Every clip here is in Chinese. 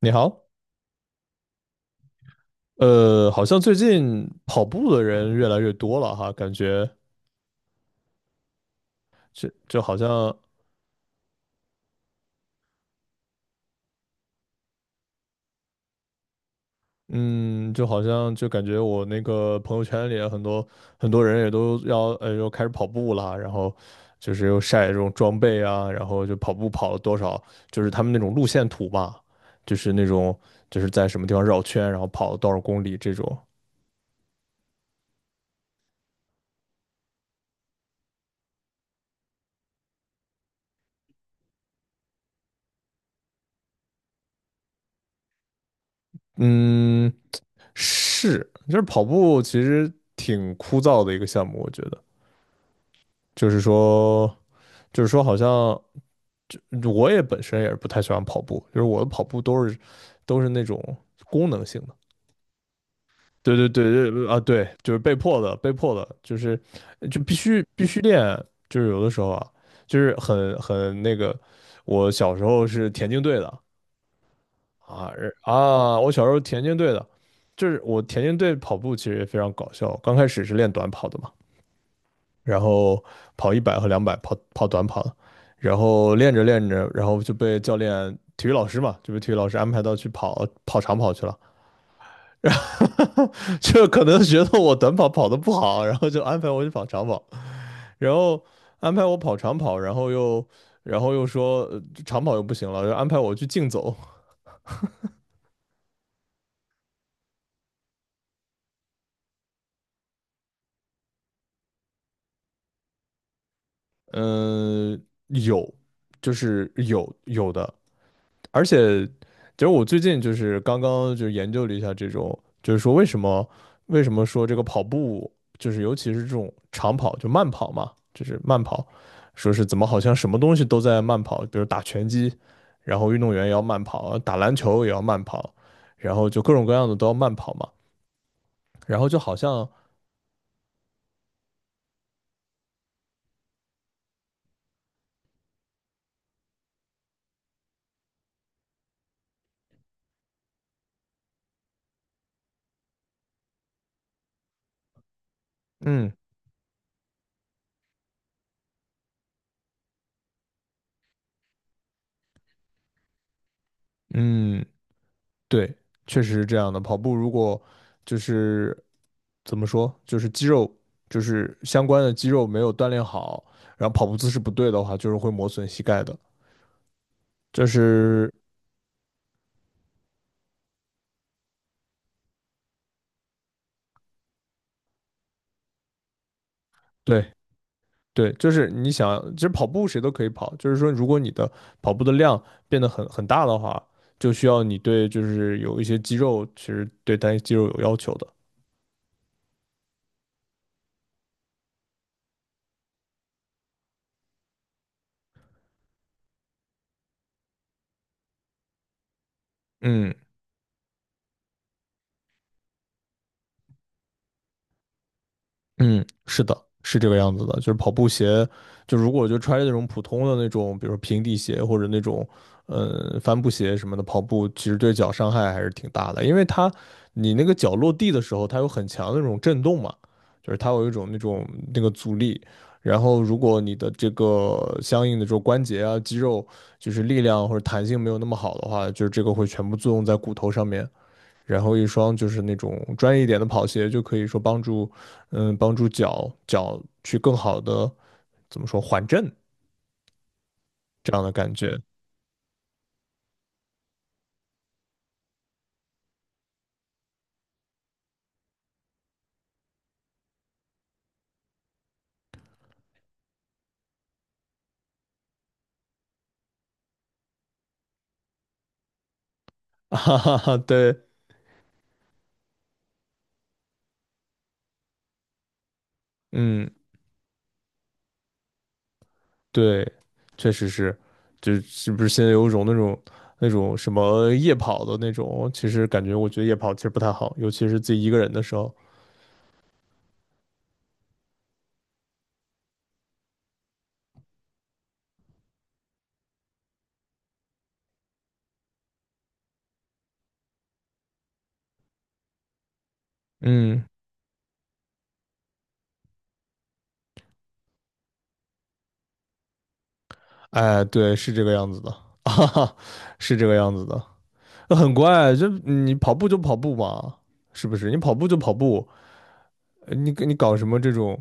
你好，好像最近跑步的人越来越多了哈，感觉就好像，嗯，就好像就感觉我那个朋友圈里啊很多很多人也都要，又开始跑步啦，然后就是又晒这种装备啊，然后就跑步跑了多少，就是他们那种路线图嘛，就是那种就是在什么地方绕圈，然后跑了多少公里这种，嗯，是，就是跑步其实挺枯燥的一个项目，我觉得。就是说，就是说，好像就我也本身也是不太喜欢跑步，就是我的跑步都是那种功能性的。对对对对啊，对，就是被迫的，被迫的，就是就必须练，就是有的时候啊，就是很那个，我小时候是田径队的啊而啊，我小时候田径队的，就是我田径队跑步其实也非常搞笑，刚开始是练短跑的嘛。然后跑100和200，跑跑短跑，然后练着练着，然后就被教练、体育老师嘛，就被体育老师安排到去跑跑长跑去了。就可能觉得我短跑跑得不好，然后就安排我去跑长跑，然后安排我跑长跑，然后又说长跑又不行了，就安排我去竞走。嗯、有，就是有的。而且，其实我最近就是刚刚就研究了一下这种，就是说为什么说这个跑步，就是尤其是这种长跑，就慢跑嘛，就是慢跑，说是怎么好像什么东西都在慢跑，比如打拳击，然后运动员也要慢跑，打篮球也要慢跑，然后就各种各样的都要慢跑嘛，然后就好像，嗯嗯，对，确实是这样的。跑步如果就是怎么说，就是肌肉就是相关的肌肉没有锻炼好，然后跑步姿势不对的话，就是会磨损膝盖的。就是对对，就是你想，其实跑步谁都可以跑，就是说如果你的跑步的量变得很大的话，就需要你对就是有一些肌肉，其实对单一肌肉有要求的。嗯。嗯，是的，是这个样子的，就是跑步鞋，就如果就穿着那种普通的那种，比如说平底鞋或者那种，帆布鞋什么的，跑步其实对脚伤害还是挺大的，因为它你那个脚落地的时候，它有很强的那种震动嘛，就是它有一种那种那个阻力，然后如果你的这个相应的这种关节啊、肌肉就是力量或者弹性没有那么好的话，就是这个会全部作用在骨头上面，然后一双就是那种专业一点的跑鞋，就可以说帮助，帮助脚去更好的怎么说缓震这样的感觉。哈哈哈，对，嗯，对，确实是，就是不是现在有一种那种什么夜跑的那种，其实感觉我觉得夜跑其实不太好，尤其是自己一个人的时候。嗯，哎，对，是这个样子的，哈哈，是这个样子的。那很乖。就你跑步就跑步嘛，是不是？你跑步就跑步，你搞什么这种，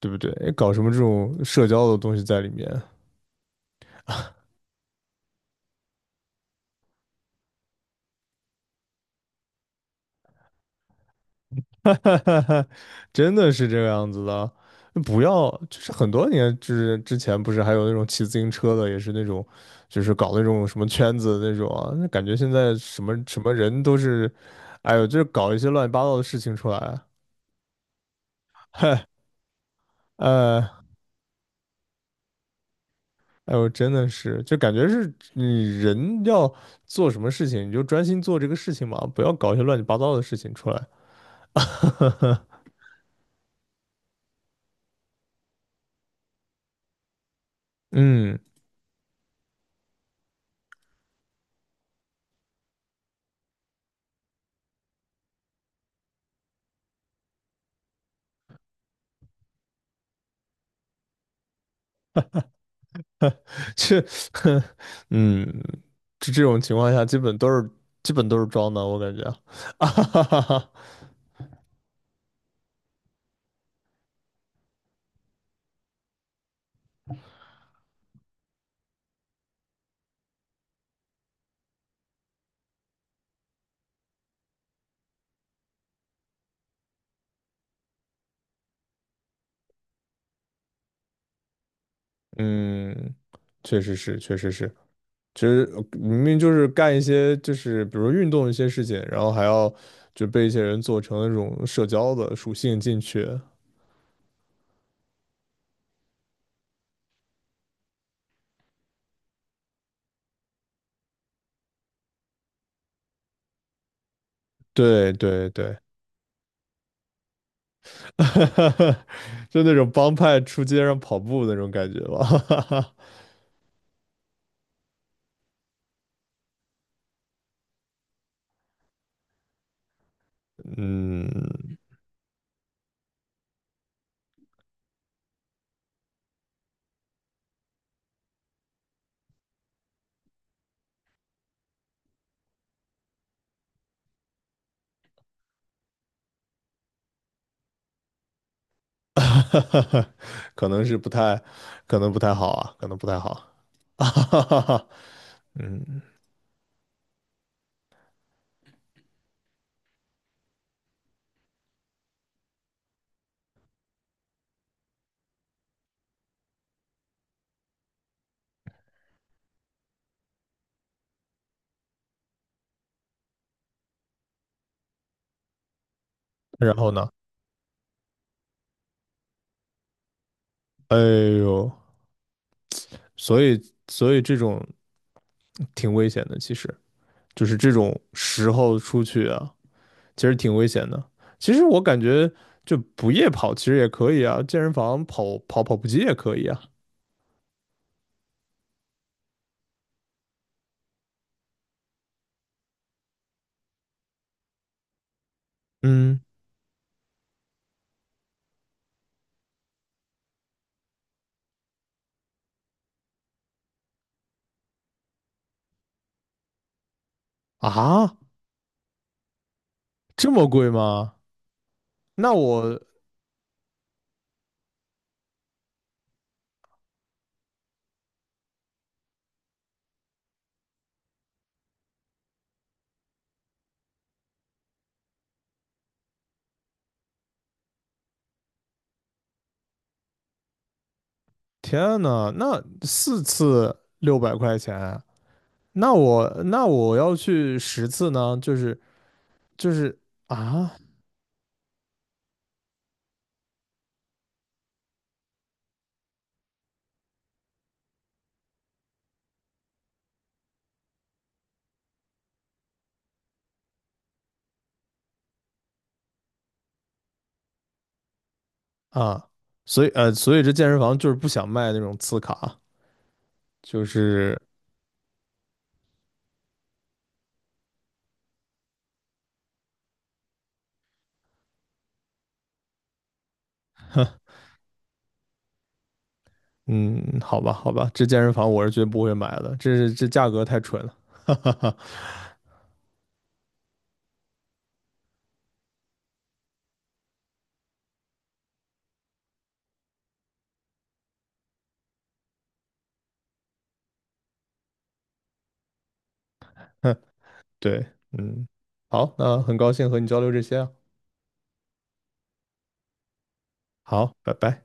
对不对？哎搞什么这种社交的东西在里面？真的是这个样子的。不要，就是很多年就是之前，不是还有那种骑自行车的，也是那种，就是搞那种什么圈子的那种啊。那感觉现在什么什么人都是，哎呦，就是搞一些乱七八糟的事情出来。呃，哎呦，真的是，就感觉是你人要做什么事情，你就专心做这个事情嘛，不要搞一些乱七八糟的事情出来。嗯。这，嗯，就这种情况下，基本都是装的，我感觉，啊哈哈哈，嗯，确实是，确实是，其实明明就是干一些就是比如运动一些事情，然后还要就被一些人做成那种社交的属性进去，对对对，就那种帮派出街上跑步那种感觉吧，嗯。哈哈，可能是不太，可能不太好啊，可能不太好。啊哈哈哈，嗯，然后呢？哎呦，所以所以这种挺危险的，其实就是这种时候出去啊，其实挺危险的。其实我感觉就不夜跑其实也可以啊，健身房跑跑跑步机也可以啊。嗯，啊，这么贵吗？那我天呐，那4次600块钱，那我要去10次呢，就是啊啊，所以所以这健身房就是不想卖那种次卡，就是嗯，好吧好吧，这健身房我是绝不会买的，这价格太蠢了，哈哈哈，对，嗯，好，那很高兴和你交流这些啊，好，拜拜。